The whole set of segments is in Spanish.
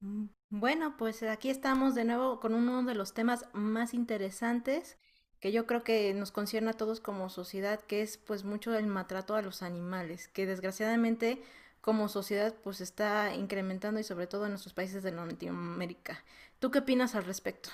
Mm, bueno, aquí estamos de nuevo con uno de los temas más interesantes que yo creo que nos concierne a todos como sociedad, que es pues mucho el maltrato a los animales, que desgraciadamente como sociedad pues está incrementando y sobre todo en nuestros países de Latinoamérica. ¿Tú qué opinas al respecto?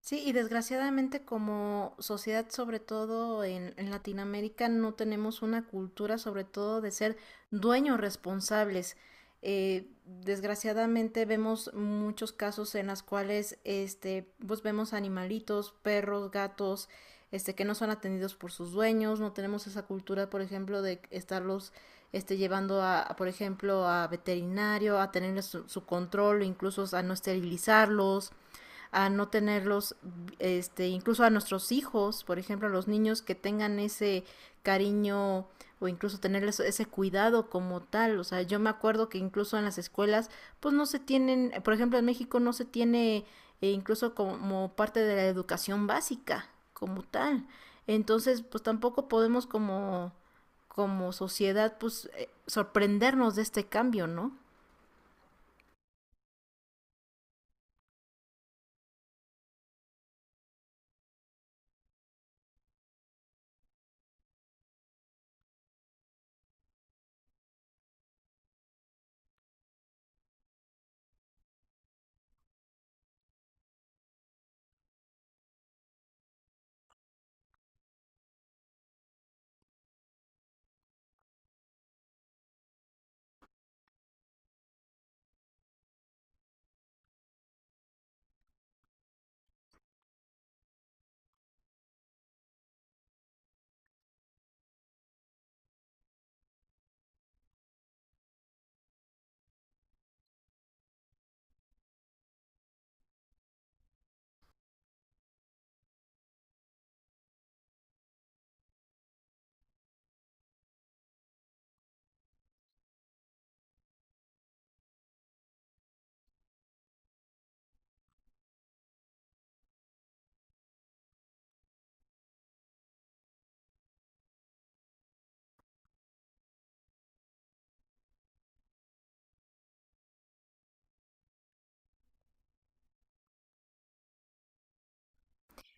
Sí, y desgraciadamente como sociedad, sobre todo en Latinoamérica, no tenemos una cultura, sobre todo de ser dueños responsables. Desgraciadamente vemos muchos casos en las cuales, este, pues vemos animalitos, perros, gatos, este, que no son atendidos por sus dueños. No tenemos esa cultura, por ejemplo, de estarlos, este, llevando por ejemplo, a veterinario, a tenerles su, su control, incluso a no esterilizarlos a no tenerlos, este, incluso a nuestros hijos, por ejemplo, a los niños que tengan ese cariño o incluso tenerles ese cuidado como tal. O sea, yo me acuerdo que incluso en las escuelas, pues no se tienen, por ejemplo, en México no se tiene e incluso como parte de la educación básica como tal. Entonces, pues tampoco podemos como sociedad sorprendernos de este cambio, ¿no?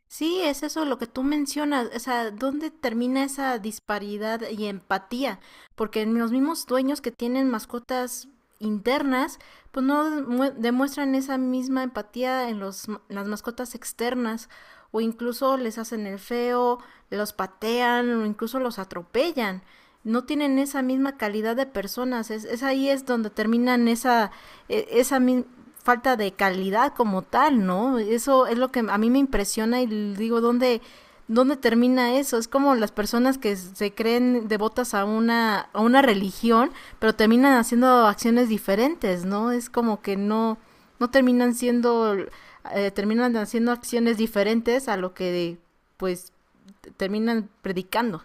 Sí, es eso lo que tú mencionas, o sea, ¿dónde termina esa disparidad y empatía? Porque en los mismos dueños que tienen mascotas internas, pues no demuestran esa misma empatía en los, las mascotas externas o incluso les hacen el feo, los patean o incluso los atropellan. No tienen esa misma calidad de personas, es ahí es donde terminan esa, e- esa, mi- falta de calidad como tal, ¿no? Eso es lo que a mí me impresiona y digo, ¿dónde termina eso? Es como las personas que se creen devotas a una religión, pero terminan haciendo acciones diferentes, ¿no? Es como que no, no terminan siendo, terminan haciendo acciones diferentes a lo que, pues, terminan predicando.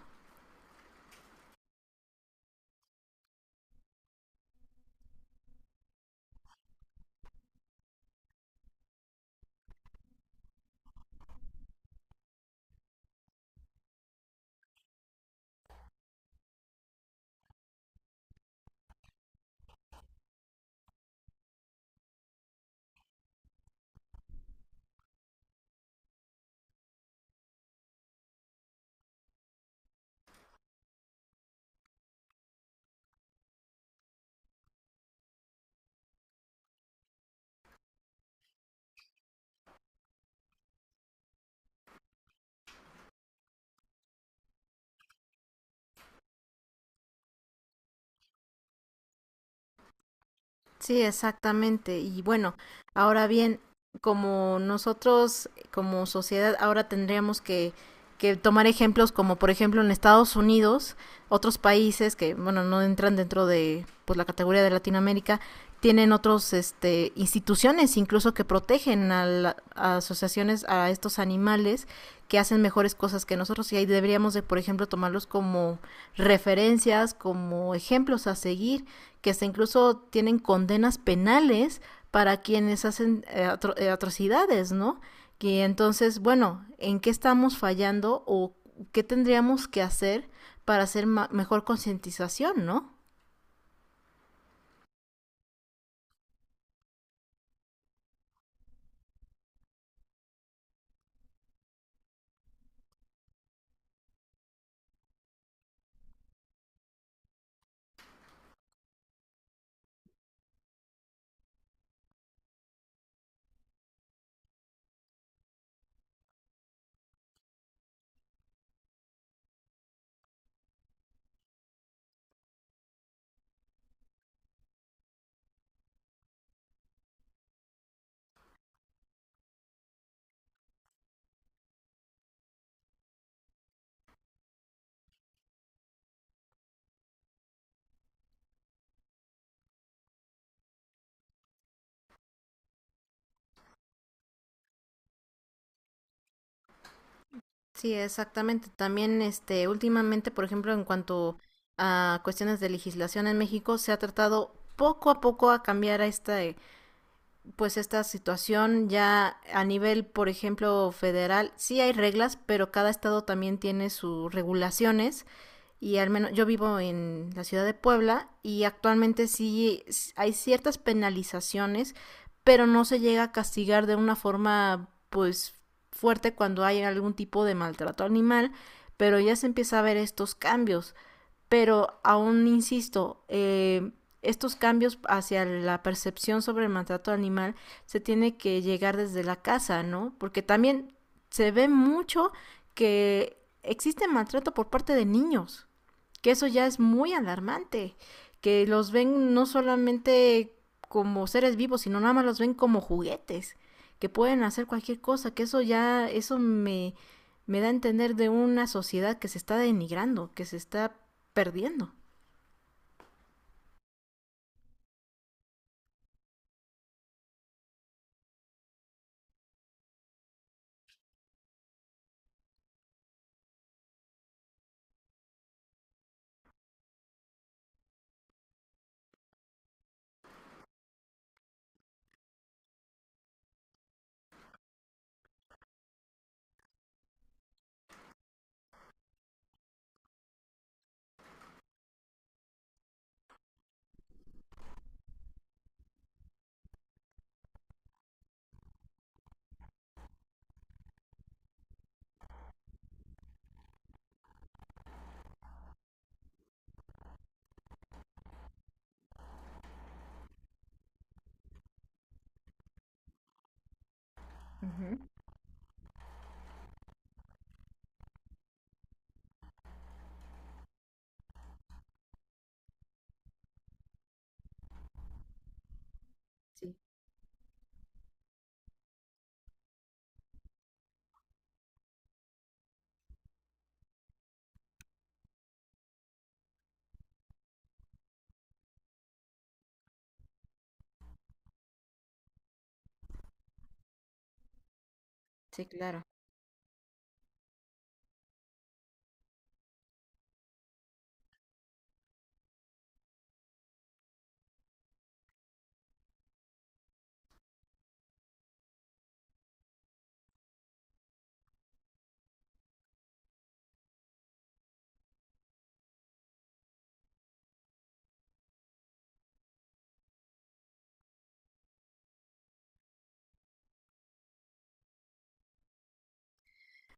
Sí, exactamente. Y bueno, ahora bien, como nosotros, como sociedad, ahora que tomar ejemplos como, por ejemplo, en Estados Unidos, otros países que, bueno, no entran dentro de pues, la categoría de Latinoamérica, tienen otros este, instituciones incluso que protegen a asociaciones a estos animales que hacen mejores cosas que nosotros y ahí deberíamos de, por ejemplo, tomarlos como referencias, como ejemplos a seguir que hasta incluso tienen condenas penales para quienes hacen atrocidades, ¿no? Que entonces, bueno, ¿en qué estamos fallando o qué tendríamos que hacer para hacer mejor concientización, ¿no? Sí, exactamente. También, este, últimamente, por ejemplo, en cuanto a cuestiones de legislación en México, se ha tratado poco a poco a cambiar a este pues esta situación ya a nivel, por ejemplo, federal, sí hay reglas, pero cada estado también tiene sus regulaciones y al menos yo vivo en la ciudad de Puebla y actualmente sí hay ciertas penalizaciones, pero no se llega a castigar de una forma pues fuerte cuando hay algún tipo de maltrato animal, pero ya se empieza a ver estos cambios. Pero aún insisto, estos cambios hacia la percepción sobre el maltrato animal se tiene que llegar desde la casa, ¿no? Porque también se ve mucho que existe maltrato por parte de niños que eso ya es muy alarmante, que los ven no solamente como seres vivos, sino nada más los ven como juguetes, que pueden hacer cualquier cosa, eso me, me da a entender de una sociedad que se está denigrando, que se está perdiendo. Ujú. Sí, sí, claro.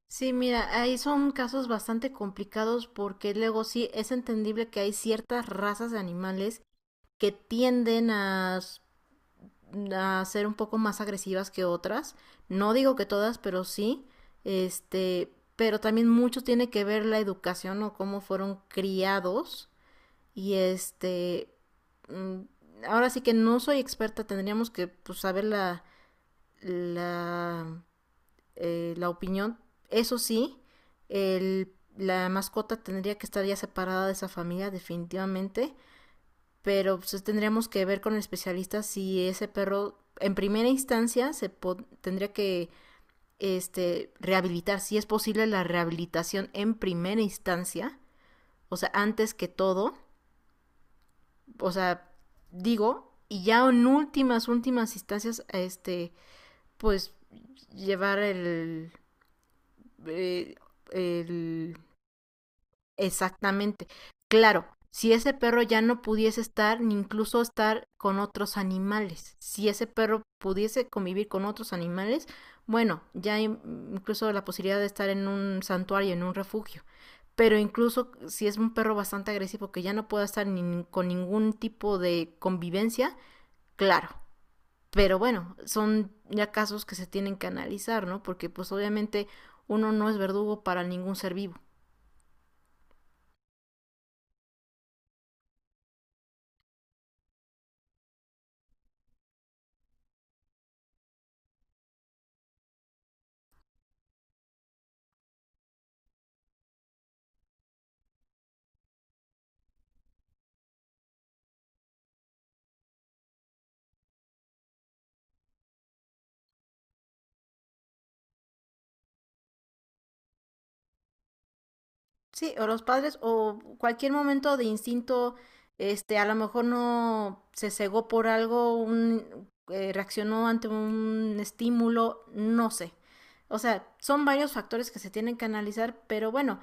Sí, mira, ahí son casos bastante complicados porque luego sí es entendible que hay ciertas razas de animales que tienden a ser un poco más agresivas que otras. No digo que todas, pero sí. Este, pero también mucho tiene que ver la educación o cómo fueron criados. Y este, mm, ahora sí que no soy experta, tendríamos que pues, saber la, la opinión. Eso sí, el, la mascota tendría que estar ya separada de esa familia definitivamente pero pues, tendríamos que ver con el especialista si ese perro en primera instancia tendría que este, rehabilitar, si es posible la rehabilitación en primera instancia, o sea, antes que todo, o sea, digo, y ya en últimas, últimas instancias, este, pues llevar el, el Exactamente. Claro, si ese perro ya no pudiese estar, ni incluso estar con otros animales, si ese perro pudiese convivir con otros animales, bueno, ya hay incluso la posibilidad de estar en un santuario, en un refugio. Pero incluso si es un perro bastante agresivo que ya no pueda estar ni con ningún tipo de convivencia, claro. Pero bueno, son ya casos que se tienen que analizar, ¿no? Porque pues obviamente uno no es verdugo para ningún ser vivo. Sí, o los padres, o cualquier momento de instinto, este, a lo mejor no se cegó por algo, reaccionó ante un estímulo, no sé. O sea, son varios factores que se tienen que analizar, pero bueno,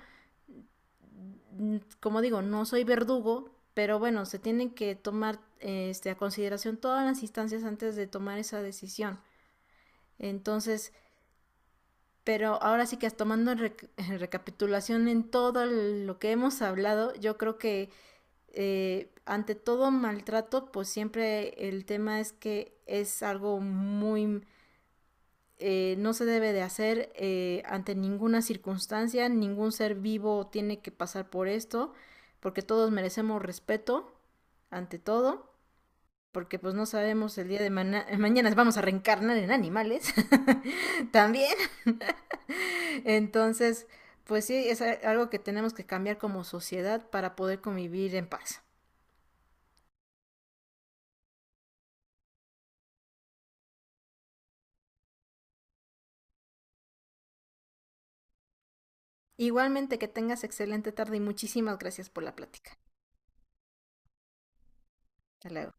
como digo, no soy verdugo, pero bueno, se tienen que tomar este, a consideración todas las instancias antes de tomar esa decisión. Entonces, pero ahora sí que tomando en recapitulación en lo que hemos hablado, yo creo que ante todo maltrato, pues siempre el tema es que es algo muy... No se debe de hacer ante ninguna circunstancia, ningún ser vivo tiene que pasar por esto, porque todos merecemos respeto, ante todo, porque pues no sabemos el día de ma mañana vamos a reencarnar en animales también. Entonces, pues sí, es algo que tenemos que cambiar como sociedad para poder convivir en paz. Igualmente que tengas excelente tarde y muchísimas gracias por la plática. Hasta luego.